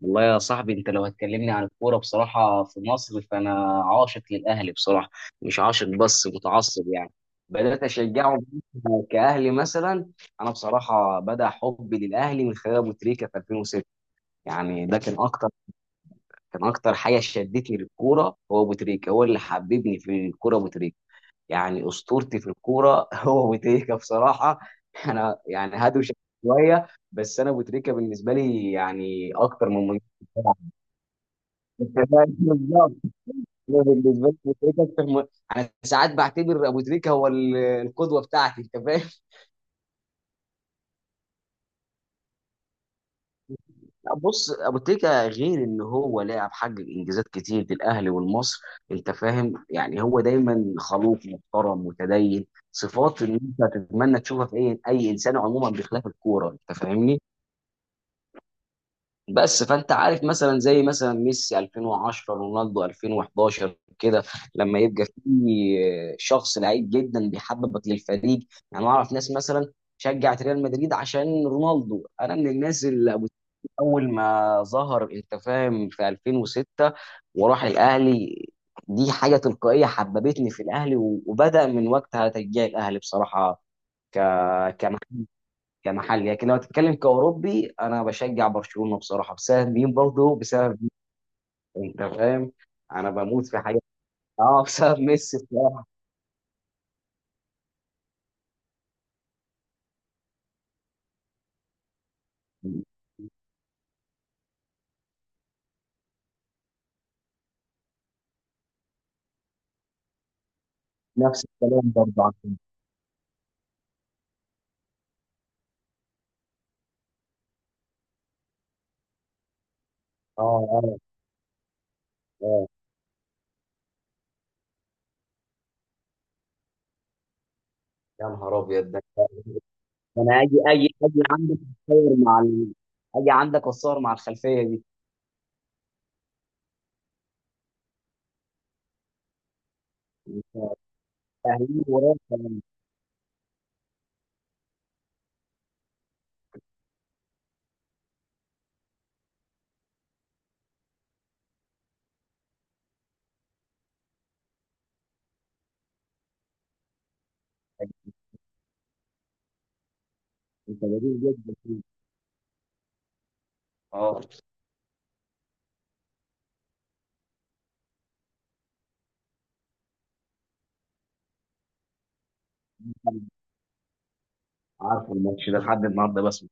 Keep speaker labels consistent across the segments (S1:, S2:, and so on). S1: والله يا صاحبي، انت لو هتكلمني عن الكوره بصراحه في مصر، فانا عاشق للاهلي بصراحه، مش عاشق بس متعصب يعني. بدات اشجعه كاهلي مثلا. انا بصراحه بدا حبي للاهلي من خلال ابو تريكه في 2006. يعني ده كان اكتر حاجه شدتني للكوره، هو ابو تريكه، هو اللي حببني في الكوره ابو تريكه. يعني اسطورتي في الكوره هو ابو تريكه بصراحه. انا يعني هدوش شويه، بس انا ابو تريكه بالنسبه لي يعني اكتر من مجرد... تمام، بالظبط. انا بالنسبه لي ابو تريكه اكتر انا ساعات بعتبر ابو تريكه هو القدوه بتاعتي، انت فاهم؟ لا، بص، ابو تريكه غير ان هو لاعب حقق انجازات كتير للاهلي والمصر، انت فاهم، يعني هو دايما خلوق محترم متدين. صفات ان انت تتمنى تشوفها في اي انسان عموما بخلاف الكوره، انت فاهمني؟ بس فانت عارف، مثلا زي مثلا ميسي 2010، رونالدو 2011 كده، لما يبقى في شخص لعيب جدا بيحببك للفريق. يعني اعرف ناس مثلا شجعت ريال مدريد عشان رونالدو. انا من الناس اللي اول ما ظهر، انت فاهم، في 2006 وراح الاهلي، دي حاجه تلقائيه حببتني في الاهلي، و- وبدا من وقتها تشجيع الاهلي بصراحه. ك... كمحل. لكن لو هتتكلم كأوروبي، أنا بشجع برشلونة بصراحة بسبب مين؟ برضه بسبب مين؟ أنت فاهم؟ أنا بموت في حاجة. أه، بسبب ميسي بصراحة. نفس الكلام برضه أه، أه، أه. يا نهار أبيض ده! أنا أجي أجي أجي عندك أتصور مع أجي عندك أتصور مع الخلفية دي. أهلي وراك كمان. أنت جميل جدا. أه، عارف الماتش ده لحد النهاردة بسمع.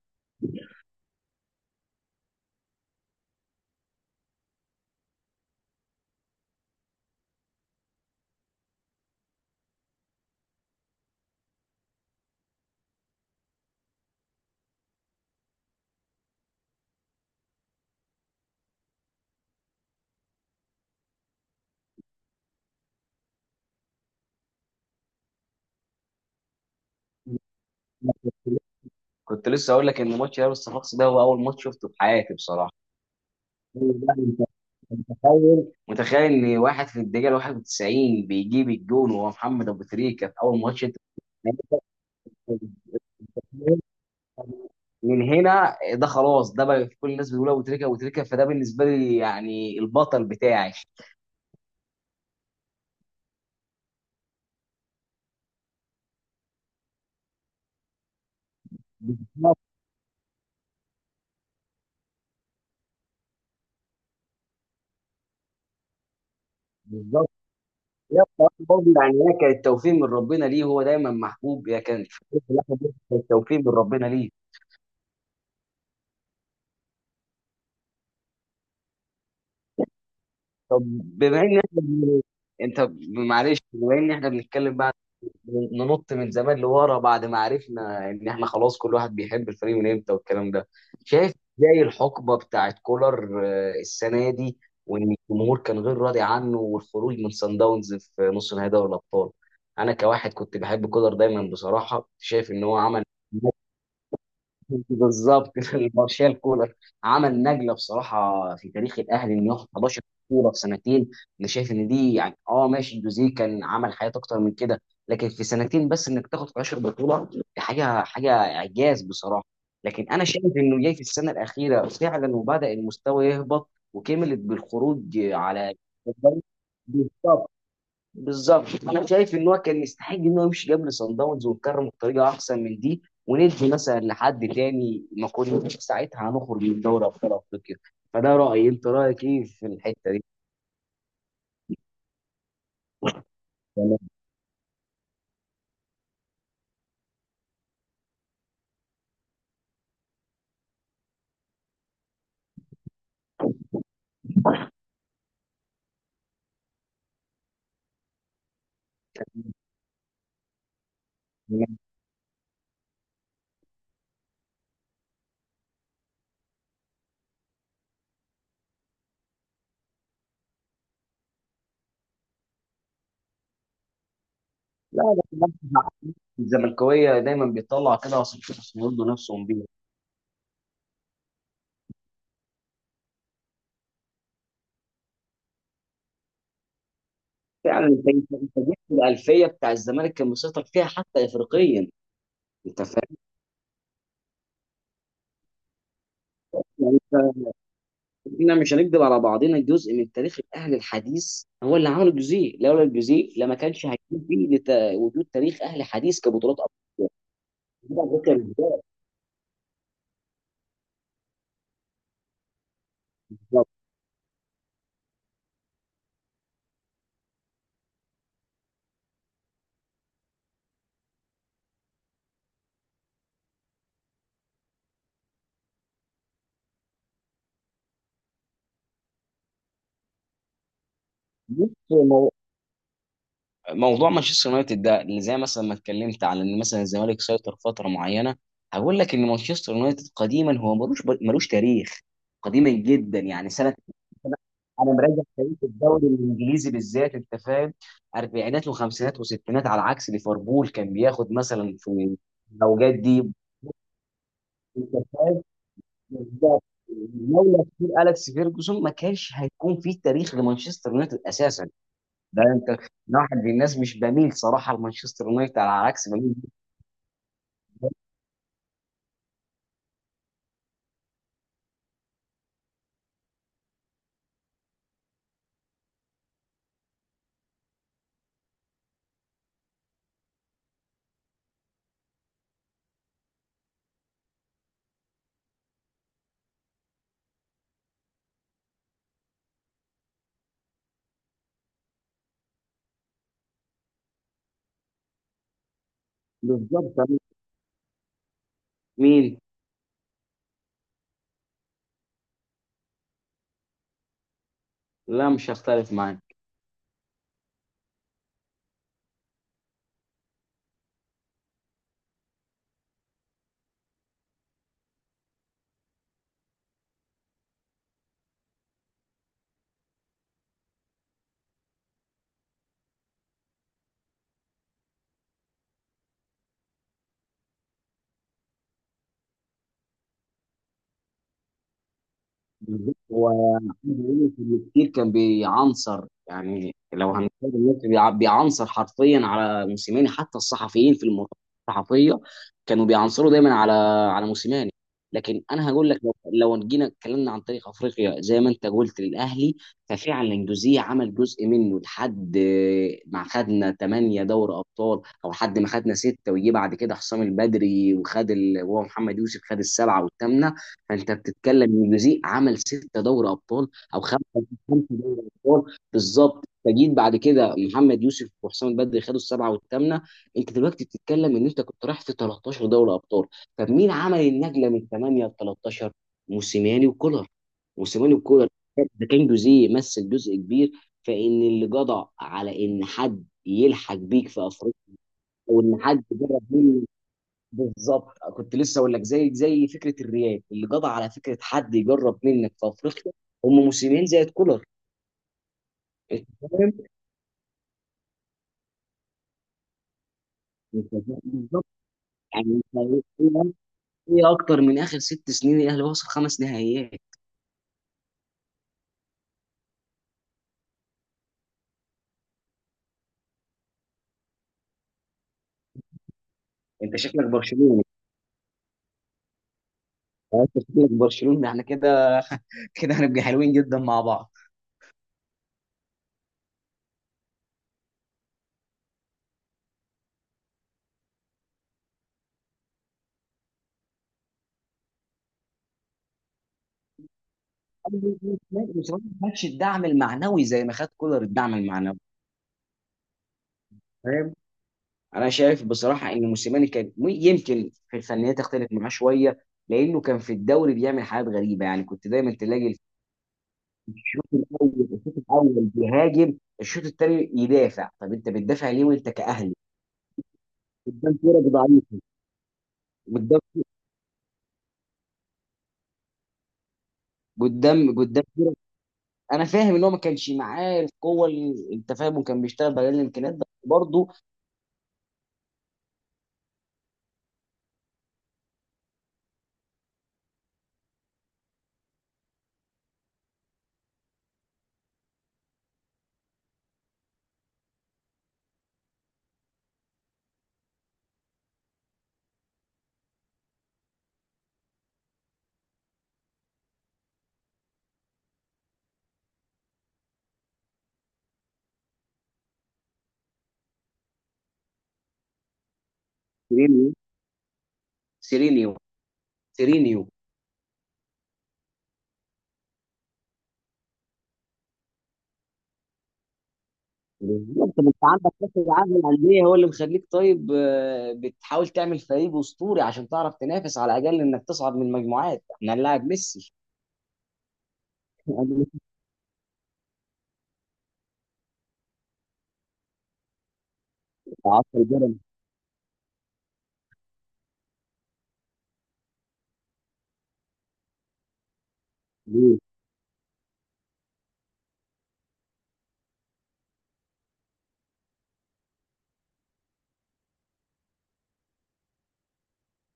S1: كنت لسه أقول لك إن ماتش لابس الصفاقسي ده هو أول ماتش شفته في حياتي بصراحة. لا، أنت متخيل، متخيل ان واحد في الدقيقه 91 بيجيب الجون وهو محمد ابو تريكه في اول ماتش، انت. من هنا ده خلاص، ده بقى كل الناس بتقول ابو تريكه، ابو تريكه. فده بالنسبه لي يعني البطل بتاعي. بالظبط، بالظبط. هي بصراحه برضه يعني هي كانت توفيق من ربنا ليه، هو دايما محبوب. هي كان كانت توفيق من ربنا ليه. طب، بما ان احنا انت معلش، بما ان احنا بنتكلم بقى، ننط من زمان لورا بعد ما عرفنا ان احنا خلاص كل واحد بيحب الفريق من امتى والكلام ده. شايف ازاي الحقبه بتاعت كولر، السنه دي، وان الجمهور كان غير راضي عنه، والخروج من سان داونز في نص نهائي دوري الابطال؟ انا كواحد كنت بحب كولر دايما بصراحه، شايف ان هو عمل... بالظبط. مارشال كولر. عمل نقله بصراحه في تاريخ الاهلي انه ياخد 11 كوره في سنتين. انا شايف ان دي يعني ماشي، الجوزيه كان عمل حاجات اكتر من كده، لكن في سنتين بس انك تاخد 11 بطوله دي حاجه اعجاز بصراحه. لكن انا شايف انه جاي في السنه الاخيره فعلا وبدا المستوى يهبط، وكملت بالخروج على... بالظبط، انا شايف ان هو كان يستحق ان هو يمشي قبل سان داونز ويتكرم بطريقه احسن من دي، وندي مثلا لحد تاني ما كناش ساعتها هنخرج من دوري ابطال افريقيا. فده رايي، انت رايك ايه في الحته دي؟ تمام، تمام. لا، ده كمان الزملكاويه دايما بيطلع كده عشان يرضوا نفسهم بيها. فعلا، انت انت أنت جبت الالفيه بتاع الزمالك كان مسيطر فيها حتى افريقيا. انت فاهم؟ يعني، احنا مش هنكذب على بعضنا. جزء من تاريخ الاهل الحديث هو اللي عمل الجزيء، لولا الجزيء لما كانش هيكون فيه وجود تاريخ اهل حديث كبطولات أبطال. بص، موضوع مانشستر يونايتد ده، اللي زي مثلا ما اتكلمت على ان مثلا الزمالك سيطر فتره معينه. هقول لك ان مانشستر يونايتد قديما هو ملوش تاريخ، قديما جدا يعني سنه... انا أنا مراجع تاريخ الدوري الانجليزي بالذات، انت فاهم، اربعينات وخمسينات وستينات، على عكس ليفربول كان بياخد مثلا في الاوجات دي، انت فاهم. بالظبط. لولا كتير اليكس فيرجسون ما كانش هيكون في تاريخ لمانشستر يونايتد اساسا. ده انت أنا واحد من الناس مش بميل صراحه لمانشستر يونايتد، على عكس بميل... بالظبط، بميل مين؟ لا، مش هختلف معاك. بالظبط. هو عايز اقول لك انه كتير كان بيعنصر، يعني لو هنتكلم دلوقتي بيعنصر حرفيا على موسيماني، حتى الصحفيين في المؤتمرات الصحفيه كانوا بيعنصروا دايما على موسيماني. لكن انا هقول لك، لو جينا اتكلمنا عن تاريخ افريقيا زي ما انت قلت للاهلي، ففعلا جوزيه عمل جزء منه لحد ما خدنا 8 دوري ابطال، او لحد ما خدنا سته، ويجي بعد كده حسام البدري وخد وهو محمد يوسف خد السبعه والثامنه. فانت بتتكلم ان جوزيه عمل ستة دوري ابطال، او خمسه دوري ابطال بالظبط، فجيت بعد كده محمد يوسف وحسام البدري خدوا السبعه والثامنه. انت دلوقتي بتتكلم ان انت كنت رايح في 13 دوري ابطال، طب مين عمل النقله من 8 ل 13؟ موسيماني وكولر، موسيماني وكولر. ده كان جوزيه يمثل جزء كبير، فان اللي جدع على ان حد يلحق بيك في افريقيا، او ان حد جرب منه. بالظبط، كنت لسه اقول لك، زي فكره الريال اللي قضى على فكره حد يجرب منك في افريقيا. هم موسمين زي كولر. انت فاهم أنت فاهم، بالظبط. يعني انت ايه؟ اكتر من اخر 6 سنين الاهلي وصل خمس نهائيات. انت شكلك برشلوني، انت شكلك برشلوني، احنا كده، كده هنبقى حلوين جدا مع بعض. بس هو ما خدش الدعم المعنوي زي ما خد كولر الدعم المعنوي. انا شايف بصراحه ان موسيماني كان يمكن في الفنيات تختلف معاه شويه، لانه كان في الدوري بيعمل حاجات غريبه، يعني كنت دايما تلاقي الشوط الاول، الشوط الاول بيهاجم الشوط الثاني يدافع، طب انت بتدافع ليه وانت كاهلي قدام فرق ضعيف؟ قدام، قدام، قدام. انا فاهم ان هو ما كانش معاه القوه اللي انت فاهمه، كان بيشتغل بقليل الامكانيات بس برضه. سيرينيو، سيرينيو، سيرينيو، بالظبط. ما انت عندك كاس العالم للانديه هو اللي مخليك، طيب، بتحاول تعمل فريق اسطوري عشان تعرف تنافس على الاقل انك تصعد من المجموعات. احنا هنلاعب ميسي. عصر البيراميدز.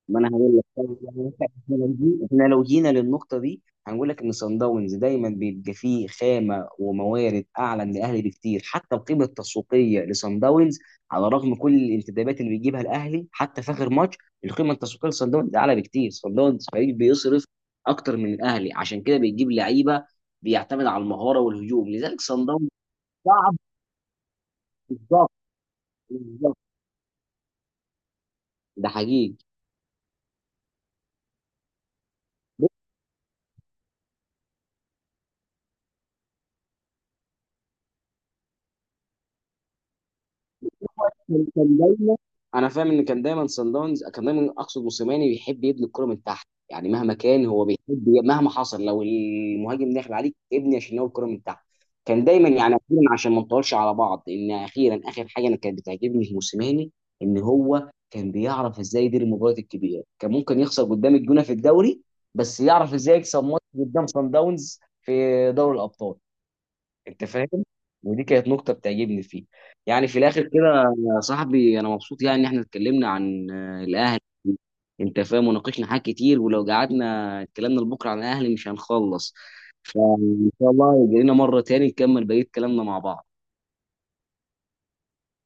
S1: ما انا هقول لك، احنا لو جينا إحنا لو جينا للنقطه دي، هنقول لك ان صن داونز دايما بيبقى فيه خامه وموارد اعلى من الاهلي بكتير. حتى القيمه التسويقيه لصن داونز، على رغم كل الانتدابات اللي بيجيبها الاهلي حتى في اخر ماتش، القيمه التسويقيه لصن داونز اعلى بكتير. صن داونز فريق بيصرف اكتر من الاهلي عشان كده بيجيب لعيبه، بيعتمد على المهاره والهجوم، لذلك صن داونز صعب. بالظبط، بالظبط، ده حقيقي. انا فاهم ان كان دايما سان داونز، كان دايما اقصد موسيماني، بيحب يبني الكره من تحت، يعني مهما كان هو بيحب مهما حصل لو المهاجم داخل عليك ابني يا شناوي الكره من تحت. كان دايما، يعني أخيراً عشان ما نطولش على بعض، ان اخيرا اخر حاجه انا كانت بتعجبني في موسيماني، ان هو كان بيعرف ازاي يدير المباريات الكبيره. كان ممكن يخسر قدام الجونه في الدوري بس يعرف ازاي يكسب ماتش قدام سان داونز في دوري الابطال، انت فاهم. ودي كانت نقطه بتعجبني فيه. يعني في الاخر كده يا صاحبي، انا مبسوط يعني ان احنا اتكلمنا عن الاهلي، انت فاهم، وناقشنا حاجات كتير، ولو قعدنا اتكلمنا لبكره عن الاهلي مش هنخلص. فان شاء الله يجي لنا مره تاني نكمل بقيه كلامنا مع بعض.